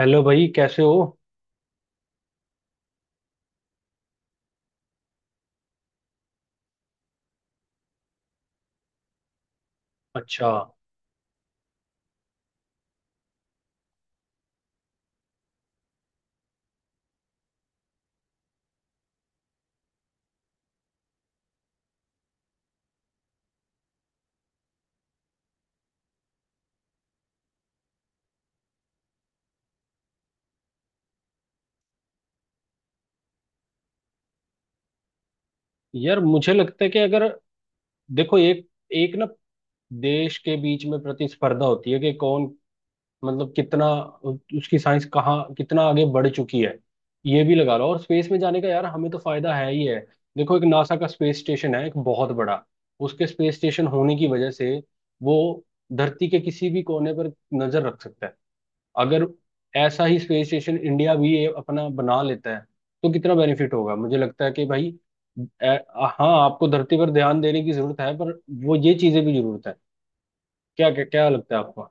Hello भाई कैसे हो। अच्छा। यार मुझे लगता है कि अगर देखो एक एक ना, देश के बीच में प्रतिस्पर्धा होती है कि कौन, मतलब कितना उसकी साइंस कहाँ कितना आगे बढ़ चुकी है, ये भी लगा लो। और स्पेस में जाने का यार हमें तो फायदा है ही है। देखो एक नासा का स्पेस स्टेशन है, एक बहुत बड़ा। उसके स्पेस स्टेशन होने की वजह से वो धरती के किसी भी कोने पर नजर रख सकता है। अगर ऐसा ही स्पेस स्टेशन इंडिया भी ये अपना बना लेता है तो कितना बेनिफिट होगा। मुझे लगता है कि भाई ए, हाँ, आपको धरती पर ध्यान देने की जरूरत है, पर वो ये चीजें भी जरूरत है। क्या क्या, क्या लगता है आपको।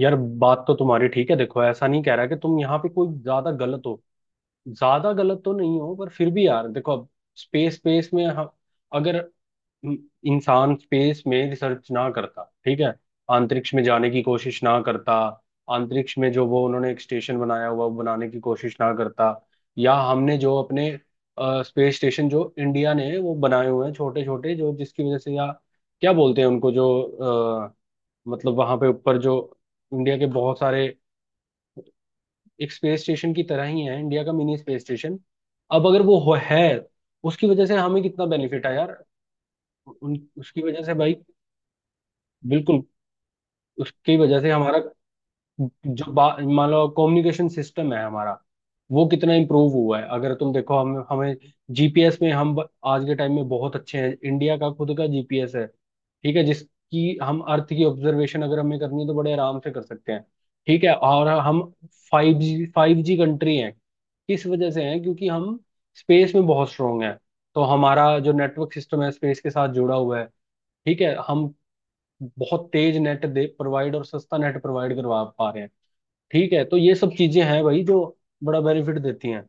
यार बात तो तुम्हारी ठीक है। देखो, ऐसा नहीं कह रहा कि तुम यहाँ पे कोई ज्यादा गलत हो। ज्यादा गलत तो नहीं हो, पर फिर भी यार देखो अब स्पेस स्पेस में हम अगर, इंसान स्पेस में रिसर्च ना करता, ठीक है, अंतरिक्ष में जाने की कोशिश ना करता, अंतरिक्ष में जो वो उन्होंने एक स्टेशन बनाया हुआ वो बनाने की कोशिश ना करता, या हमने जो अपने स्पेस स्टेशन जो इंडिया ने वो बनाए हुए हैं छोटे छोटे, जो जिसकी वजह से, या क्या बोलते हैं उनको जो अ, मतलब वहां पे ऊपर जो इंडिया के बहुत सारे, एक स्पेस स्टेशन की तरह ही है इंडिया का मिनी स्पेस स्टेशन। अब अगर है, उसकी वजह से हमें कितना बेनिफिट है यार। उन उसकी वजह से भाई बिल्कुल उसकी वजह से हमारा जो मान लो कम्युनिकेशन सिस्टम है हमारा, वो कितना इम्प्रूव हुआ है। अगर तुम देखो हम हमें जीपीएस में आज के टाइम में बहुत अच्छे हैं। इंडिया का खुद का जीपीएस है, ठीक है, जिसकी हम अर्थ की ऑब्जर्वेशन अगर हमें करनी है तो बड़े आराम से कर सकते हैं। ठीक है। और हम फाइव जी कंट्री हैं। किस वजह से हैं? क्योंकि हम स्पेस में बहुत स्ट्रांग हैं। तो हमारा जो नेटवर्क सिस्टम है स्पेस के साथ जुड़ा हुआ है। ठीक है। हम बहुत तेज नेट दे प्रोवाइड और सस्ता नेट प्रोवाइड करवा पा रहे हैं। ठीक है। तो ये सब चीजें हैं भाई जो बड़ा बेनिफिट देती हैं।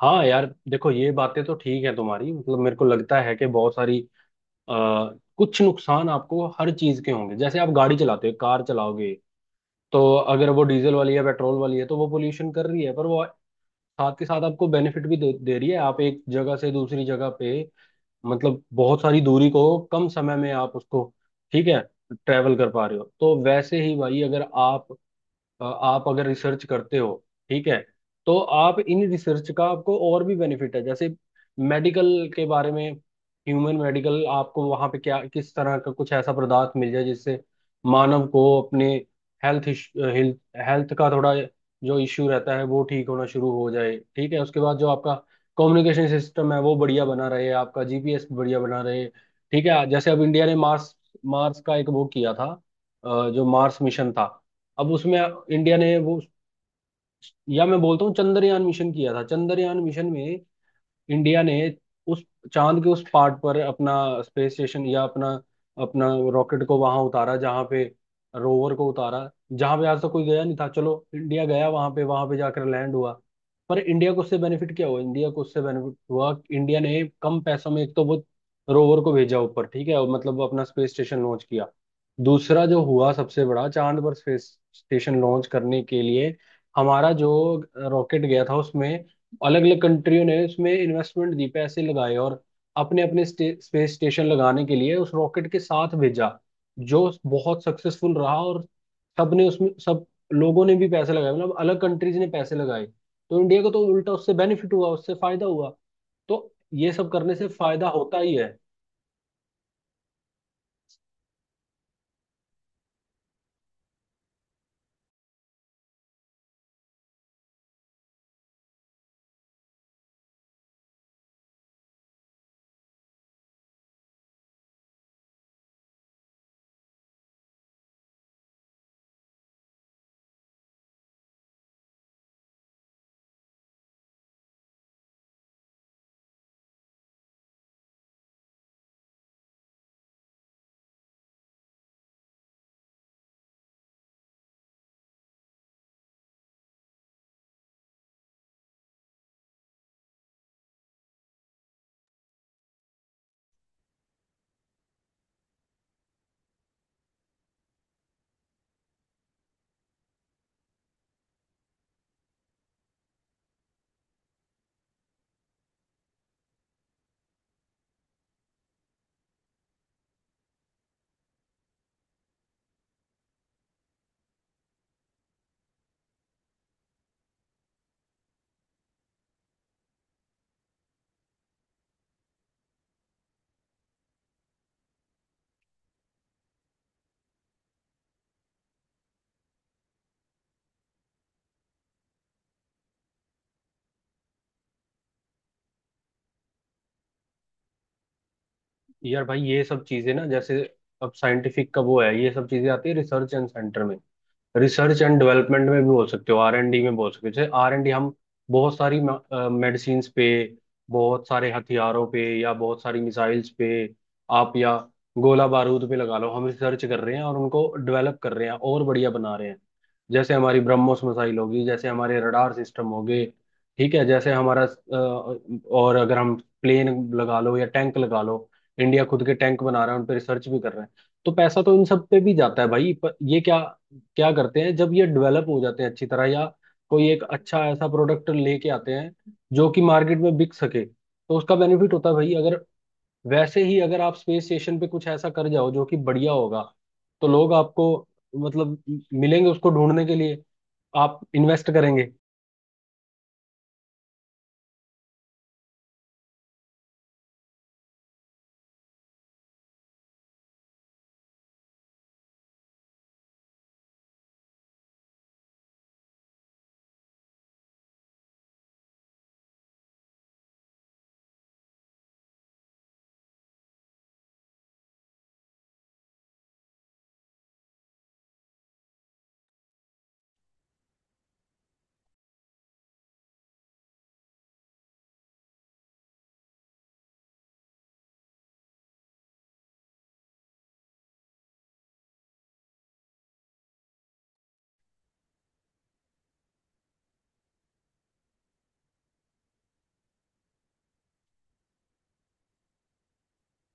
हाँ यार देखो ये बातें तो ठीक है तुम्हारी, मतलब मेरे को लगता है कि बहुत सारी आ, कुछ नुकसान आपको हर चीज के होंगे। जैसे आप गाड़ी चलाते हो, कार चलाओगे तो अगर वो डीजल वाली है, पेट्रोल वाली है, तो वो पोल्यूशन कर रही है, पर वो साथ के साथ आपको बेनिफिट भी दे रही है। आप एक जगह से दूसरी जगह पे, मतलब बहुत सारी दूरी को कम समय में आप उसको, ठीक है, ट्रैवल कर पा रहे हो। तो वैसे ही भाई अगर आप आप अगर रिसर्च करते हो, ठीक है, तो आप इन रिसर्च का आपको और भी बेनिफिट है। जैसे मेडिकल के बारे में, ह्यूमन मेडिकल, आपको वहाँ पे क्या किस तरह का कुछ ऐसा पदार्थ मिल जाए जिससे मानव को अपने हेल्थ हेल्थ हेल्थ का थोड़ा जो इश्यू रहता है वो ठीक होना शुरू हो जाए। ठीक है। उसके बाद जो आपका कम्युनिकेशन सिस्टम है वो बढ़िया बना रहे, आपका जीपीएस बढ़िया बना रहे। ठीक है। जैसे अब इंडिया ने मार्स मार्स का एक वो किया था, जो मार्स मिशन था। अब उसमें इंडिया ने वो, या मैं बोलता हूँ चंद्रयान मिशन किया था। चंद्रयान मिशन में इंडिया ने उस चांद के उस पार्ट पर अपना स्पेस स्टेशन, या अपना अपना रॉकेट को वहां उतारा, जहां पे रोवर को उतारा, जहां पे आज तक कोई गया नहीं था। चलो इंडिया गया वहां पे, वहां पे जाकर लैंड हुआ। पर इंडिया को उससे बेनिफिट क्या हुआ? इंडिया को उससे बेनिफिट हुआ कि इंडिया ने कम पैसों में एक तो वो रोवर को भेजा ऊपर, ठीक है, और मतलब वो अपना स्पेस स्टेशन लॉन्च किया। दूसरा जो हुआ सबसे बड़ा, चांद पर स्पेस स्टेशन लॉन्च करने के लिए हमारा जो रॉकेट गया था, उसमें अलग अलग कंट्रियों ने उसमें इन्वेस्टमेंट दी, पैसे लगाए, और अपने अपने स्पेस स्टेशन लगाने के लिए उस रॉकेट के साथ भेजा, जो बहुत सक्सेसफुल रहा। और सबने उसमें, सब लोगों ने भी पैसे लगाए, मतलब अलग कंट्रीज ने पैसे लगाए, तो इंडिया को तो उल्टा उससे बेनिफिट हुआ, उससे फायदा हुआ। तो ये सब करने से फायदा होता ही है। यार भाई ये सब चीजें ना, जैसे अब साइंटिफिक का वो है, ये सब चीजें आती है रिसर्च एंड सेंटर में। रिसर्च एंड डेवलपमेंट में भी बोल सकते हो, R&D में बोल सकते हो। जैसे R&D हम बहुत सारी मेडिसिन्स पे, बहुत सारे हथियारों पे, या बहुत सारी मिसाइल्स पे आप, या गोला बारूद पे लगा लो, हम रिसर्च कर रहे हैं और उनको डेवलप कर रहे हैं और बढ़िया बना रहे हैं। जैसे हमारी ब्रह्मोस मिसाइल होगी, जैसे हमारे रडार सिस्टम हो गए, ठीक है, जैसे हमारा और अगर हम प्लेन लगा लो या टैंक लगा लो, इंडिया खुद के टैंक बना रहा है, उन पर रिसर्च भी कर रहे हैं। तो पैसा तो इन सब पे भी जाता है भाई। पर ये क्या क्या करते हैं जब ये डेवलप हो जाते हैं अच्छी तरह, या कोई एक अच्छा ऐसा प्रोडक्ट लेके आते हैं जो कि मार्केट में बिक सके, तो उसका बेनिफिट होता है भाई। अगर वैसे ही अगर आप स्पेस स्टेशन पे कुछ ऐसा कर जाओ जो कि बढ़िया होगा, तो लोग आपको मतलब मिलेंगे उसको ढूंढने के लिए, आप इन्वेस्ट करेंगे।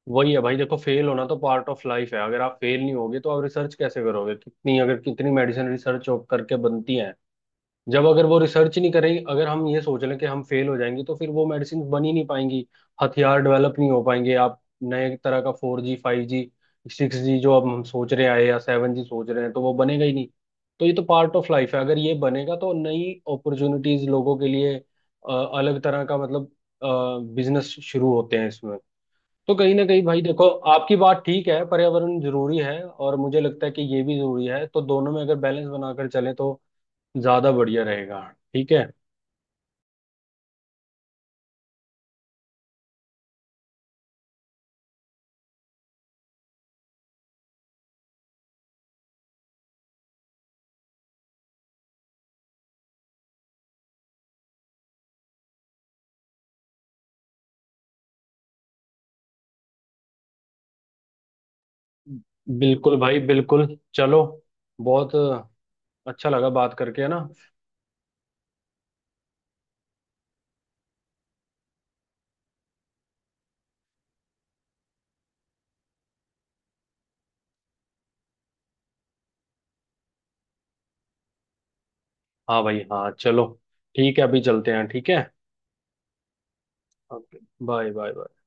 वही है भाई। देखो फेल होना तो पार्ट ऑफ लाइफ है। अगर आप फेल नहीं होगे तो आप रिसर्च कैसे करोगे? कितनी अगर कितनी मेडिसिन रिसर्च करके बनती है, जब अगर वो रिसर्च नहीं करेगी, अगर हम ये सोच लें कि हम फेल हो जाएंगे, तो फिर वो मेडिसिन बन ही नहीं पाएंगी। हथियार डेवलप नहीं हो पाएंगे। आप नए तरह का 4G, 5G, 6G जो अब हम सोच रहे हैं, या 7G सोच रहे हैं, तो वो बनेगा ही नहीं। तो ये तो पार्ट ऑफ लाइफ है। अगर ये बनेगा तो नई अपॉर्चुनिटीज लोगों के लिए, अ, अलग तरह का मतलब बिजनेस शुरू होते हैं इसमें। तो कहीं ना कहीं भाई देखो आपकी बात ठीक है, पर्यावरण जरूरी है, और मुझे लगता है कि ये भी जरूरी है। तो दोनों में अगर बैलेंस बनाकर चले तो ज्यादा बढ़िया रहेगा। ठीक है। बिल्कुल भाई बिल्कुल। चलो, बहुत अच्छा लगा बात करके, है ना। हाँ भाई, हाँ चलो, ठीक है, अभी चलते हैं, ठीक है। ओके। Bye bye bye.